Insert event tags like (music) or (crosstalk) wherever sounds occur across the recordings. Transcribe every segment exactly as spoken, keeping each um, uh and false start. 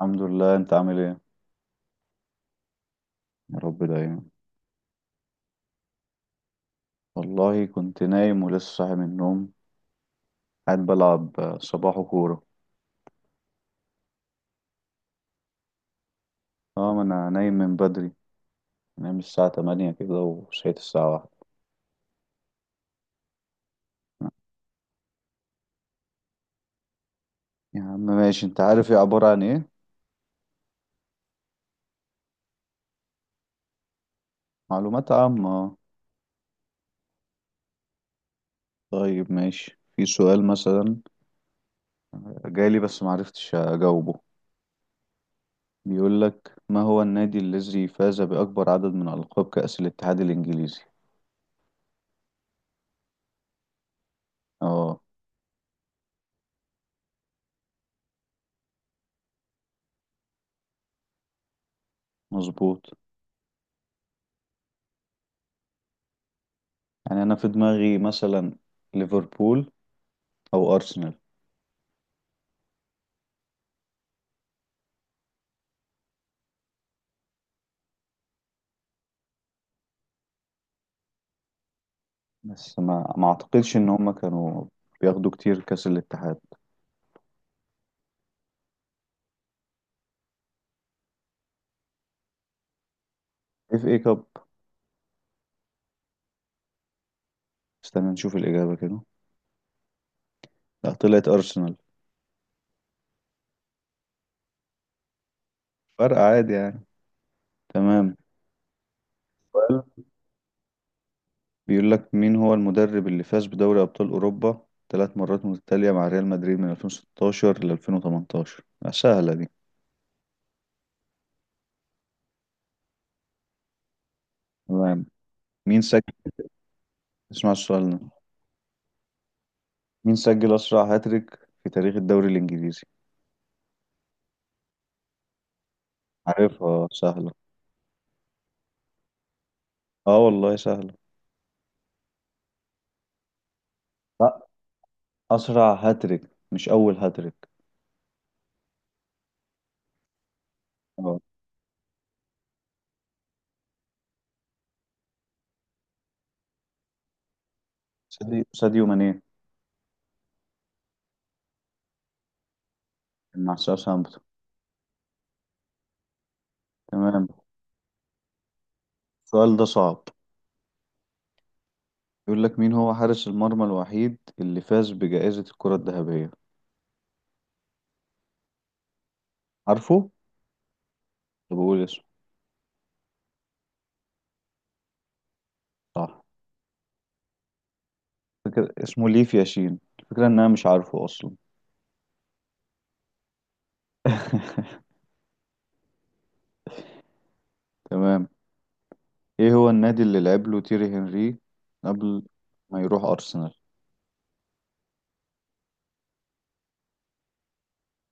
الحمد لله، انت عامل ايه؟ يا رب دايما. والله كنت نايم ولسه صاحي من النوم. قاعد بلعب آه، صباحو كورة. اه، ما انا نايم من بدري. نايم الساعة تمانية كده وصحيت الساعة واحدة. يا عم ماشي، انت عارف ايه عبارة عن ايه؟ معلومات عامة اه. طيب ماشي، في سؤال مثلا جالي بس معرفتش اجاوبه. بيقولك ما هو النادي الذي فاز بأكبر عدد من ألقاب كأس الاتحاد الإنجليزي. اه مظبوط. يعني انا في دماغي مثلا ليفربول او ارسنال. بس ما ما اعتقدش ان هم كانوا بياخدوا كتير كاس الاتحاد. اف اي كاب. استنى نشوف الاجابه كده. لا، طلعت ارسنال. فرق عادي يعني. تمام. سؤال بيقول لك: مين هو المدرب اللي فاز بدوري ابطال اوروبا ثلاث مرات متتاليه مع ريال مدريد من ألفين وستاشر ل ألفين وتمنتاشر؟ لا، سهله دي. تمام. مين سجل؟ اسمع السؤال ده. مين سجل اسرع هاتريك في تاريخ الدوري الانجليزي؟ عارفها سهله. اه والله سهله. لا، اسرع هاتريك مش اول هاتريك. آه. ساديو، ساديو ماني. مع ساوثهامبتون. تمام. السؤال ده صعب. يقول لك: مين هو حارس المرمى الوحيد اللي فاز بجائزة الكرة الذهبية؟ عارفه؟ طب بقول اسمه. صح. فكرة اسمه ليف ياشين، الفكرة ان انا مش عارفه اصلا. (laughs) تمام. ايه هو النادي اللي لعب له تيري هنري قبل ما يروح ارسنال؟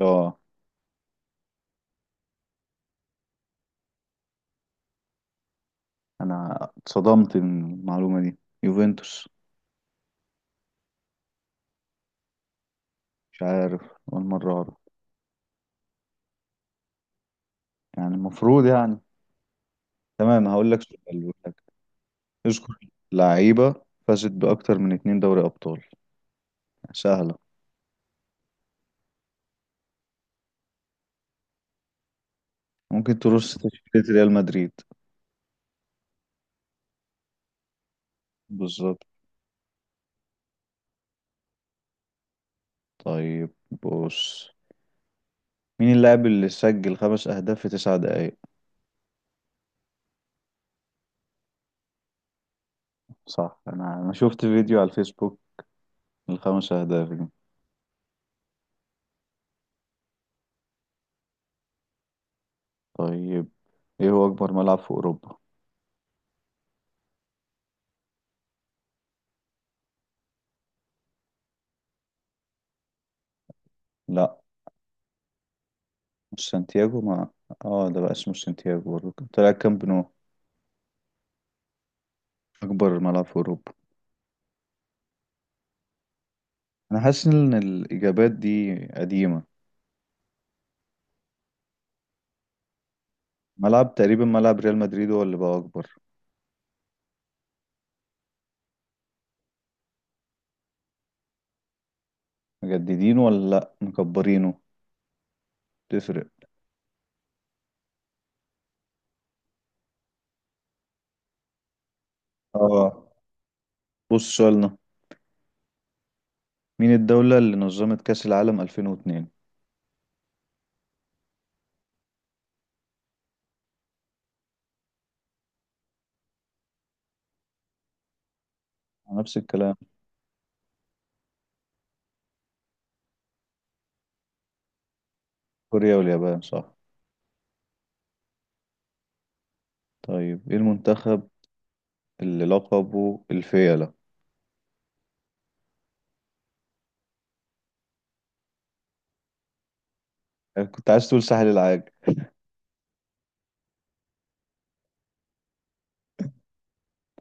اه، انا اتصدمت من المعلومة دي، يوفنتوس. مش عارف، اول مرة اعرف. يعني المفروض يعني. تمام، هقول لك سؤال. اذكر لعيبة فازت بأكتر من اتنين دوري أبطال. يعني سهلة. ممكن ترص تشكيلة ريال مدريد. بالظبط. طيب، بص، مين اللاعب اللي سجل خمس أهداف في تسع دقايق؟ صح، أنا أنا شفت فيديو على الفيسبوك الخمس أهداف دي. طيب، إيه هو أكبر ملعب في أوروبا؟ لا مش سانتياغو ما. آه ده بقى اسمه سانتياغو برضه، طلع كامب نو. أكبر ملعب في أوروبا. أنا حاسس إن الإجابات دي قديمة. ملعب تقريبا، ملعب ريال مدريد هو اللي بقى أكبر. مجددينه ولا لأ مكبرينه؟ تفرق. اه، بص سؤالنا. مين الدولة اللي نظمت كأس العالم ألفين واتنين؟ نفس الكلام. كوريا واليابان صح. طيب، ايه المنتخب اللي لقبه الفيلة؟ يعني كنت عايز تقول ساحل العاج.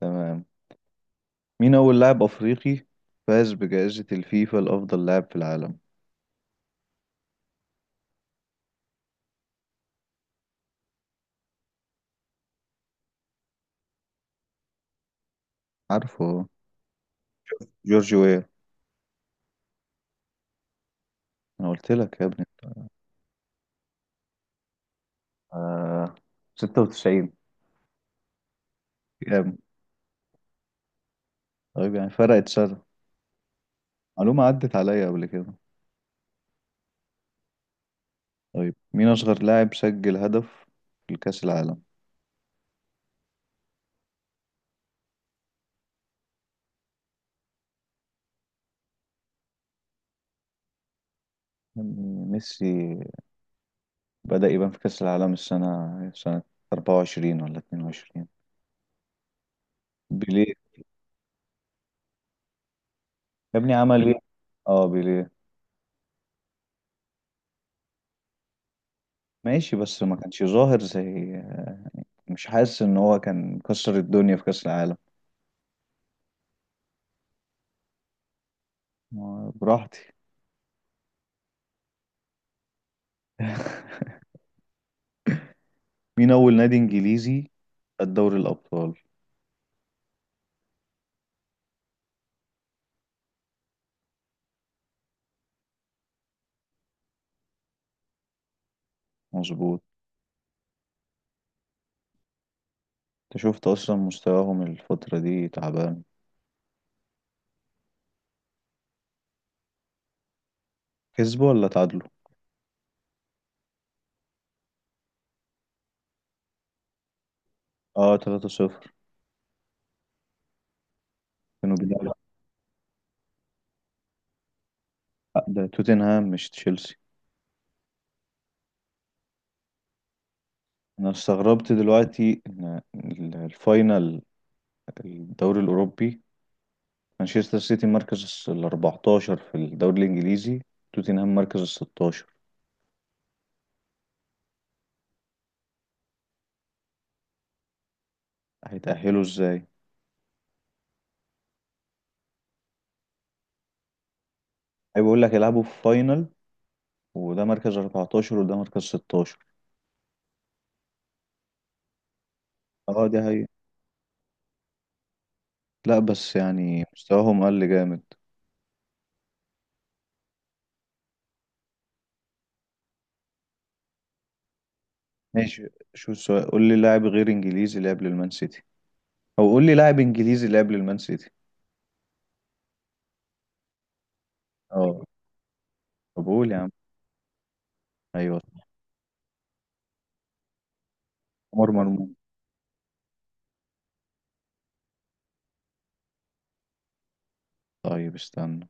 تمام. مين أول لاعب أفريقي فاز بجائزة الفيفا لأفضل لاعب في العالم؟ عارفه هو. جورج ويا. أنا قلت لك يا ابني. آه، ستة وتسعين. كام؟ طيب يعني فرقت سنة. معلومة عدت عليا قبل كده. طيب مين أصغر لاعب سجل هدف في كأس العالم؟ يعني ميسي بدأ يبان في كأس العالم السنة سنة أربعة وعشرين ولا اتنين وعشرين؟ بيليه، يا ابني عمل ايه؟ اه بيليه. ماشي بس ما كانش ظاهر زي، مش حاسس ان هو كان كسر الدنيا في كأس العالم. آه، براحتي. (laughs) مين أول نادي إنجليزي خد دوري الأبطال؟ مظبوط. انت شفت أصلا مستواهم الفترة دي تعبان. كسبوا ولا تعادلوا؟ اه ثلاثة صفر كانوا بيلعبوا. لا، ده توتنهام مش تشيلسي. انا استغربت دلوقتي ان ال- الفاينل الدوري الاوروبي، مانشستر سيتي مركز ال أربعتاشر في الدوري الانجليزي، توتنهام مركز ال ستاشر. هيتأهلوا ازاي؟ هي بقول لك يلعبوا في فاينل، وده مركز أربعتاشر وده مركز ستاشر. اه دي هي. لا بس يعني مستواهم قل جامد. ماشي. شو السؤال؟ قول لي لاعب غير انجليزي لعب للمان سيتي، او قول لي لاعب انجليزي لعب للمان سيتي. اه طب قول يا عم. ايوه، عمر مرموش. طيب استنى.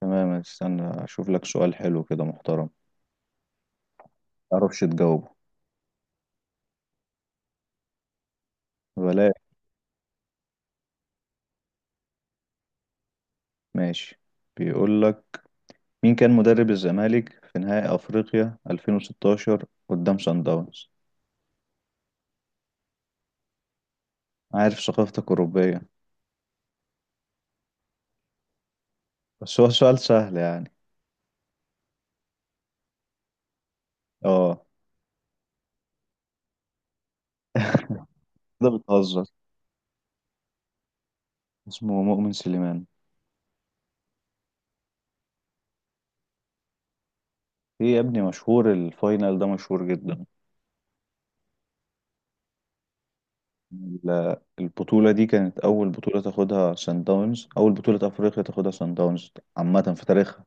تمام، استنى اشوف لك سؤال حلو كده محترم، معرفش تجاوبه. بلاش. ماشي، بيقول لك: مين كان مدرب الزمالك في نهائي افريقيا ألفين وستاشر قدام سان داونز؟ عارف ثقافتك اوروبية. بس هو سؤال سهل يعني. اه. (laughs) ده بتهزر. اسمه مؤمن سليمان. ايه يا ابني، مشهور الفاينل ده مشهور جدا. ال- البطولة دي كانت أول بطولة تاخدها سان داونز، أول بطولة أفريقيا تاخدها سان داونز عامة في تاريخها.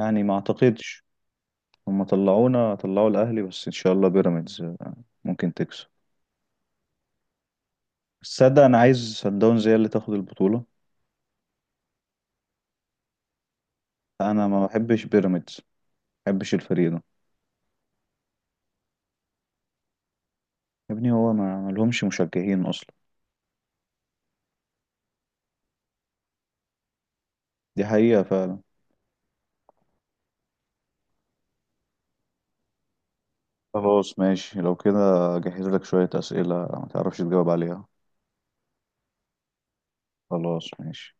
يعني ما أعتقدش. هما طلعونا، طلعوا الاهلي، بس ان شاء الله بيراميدز آه، ممكن تكسب. بس تصدق انا عايز سان داونز هي اللي تاخد البطوله. انا ما بحبش بيراميدز، ما بحبش الفريق ده. يا ابني هو ما ما لهمش مشجعين اصلا. دي حقيقه فعلا. خلاص ماشي لو كده، جهز لك شويه اسئله ما تعرفش تجاوب عليها. خلاص ماشي.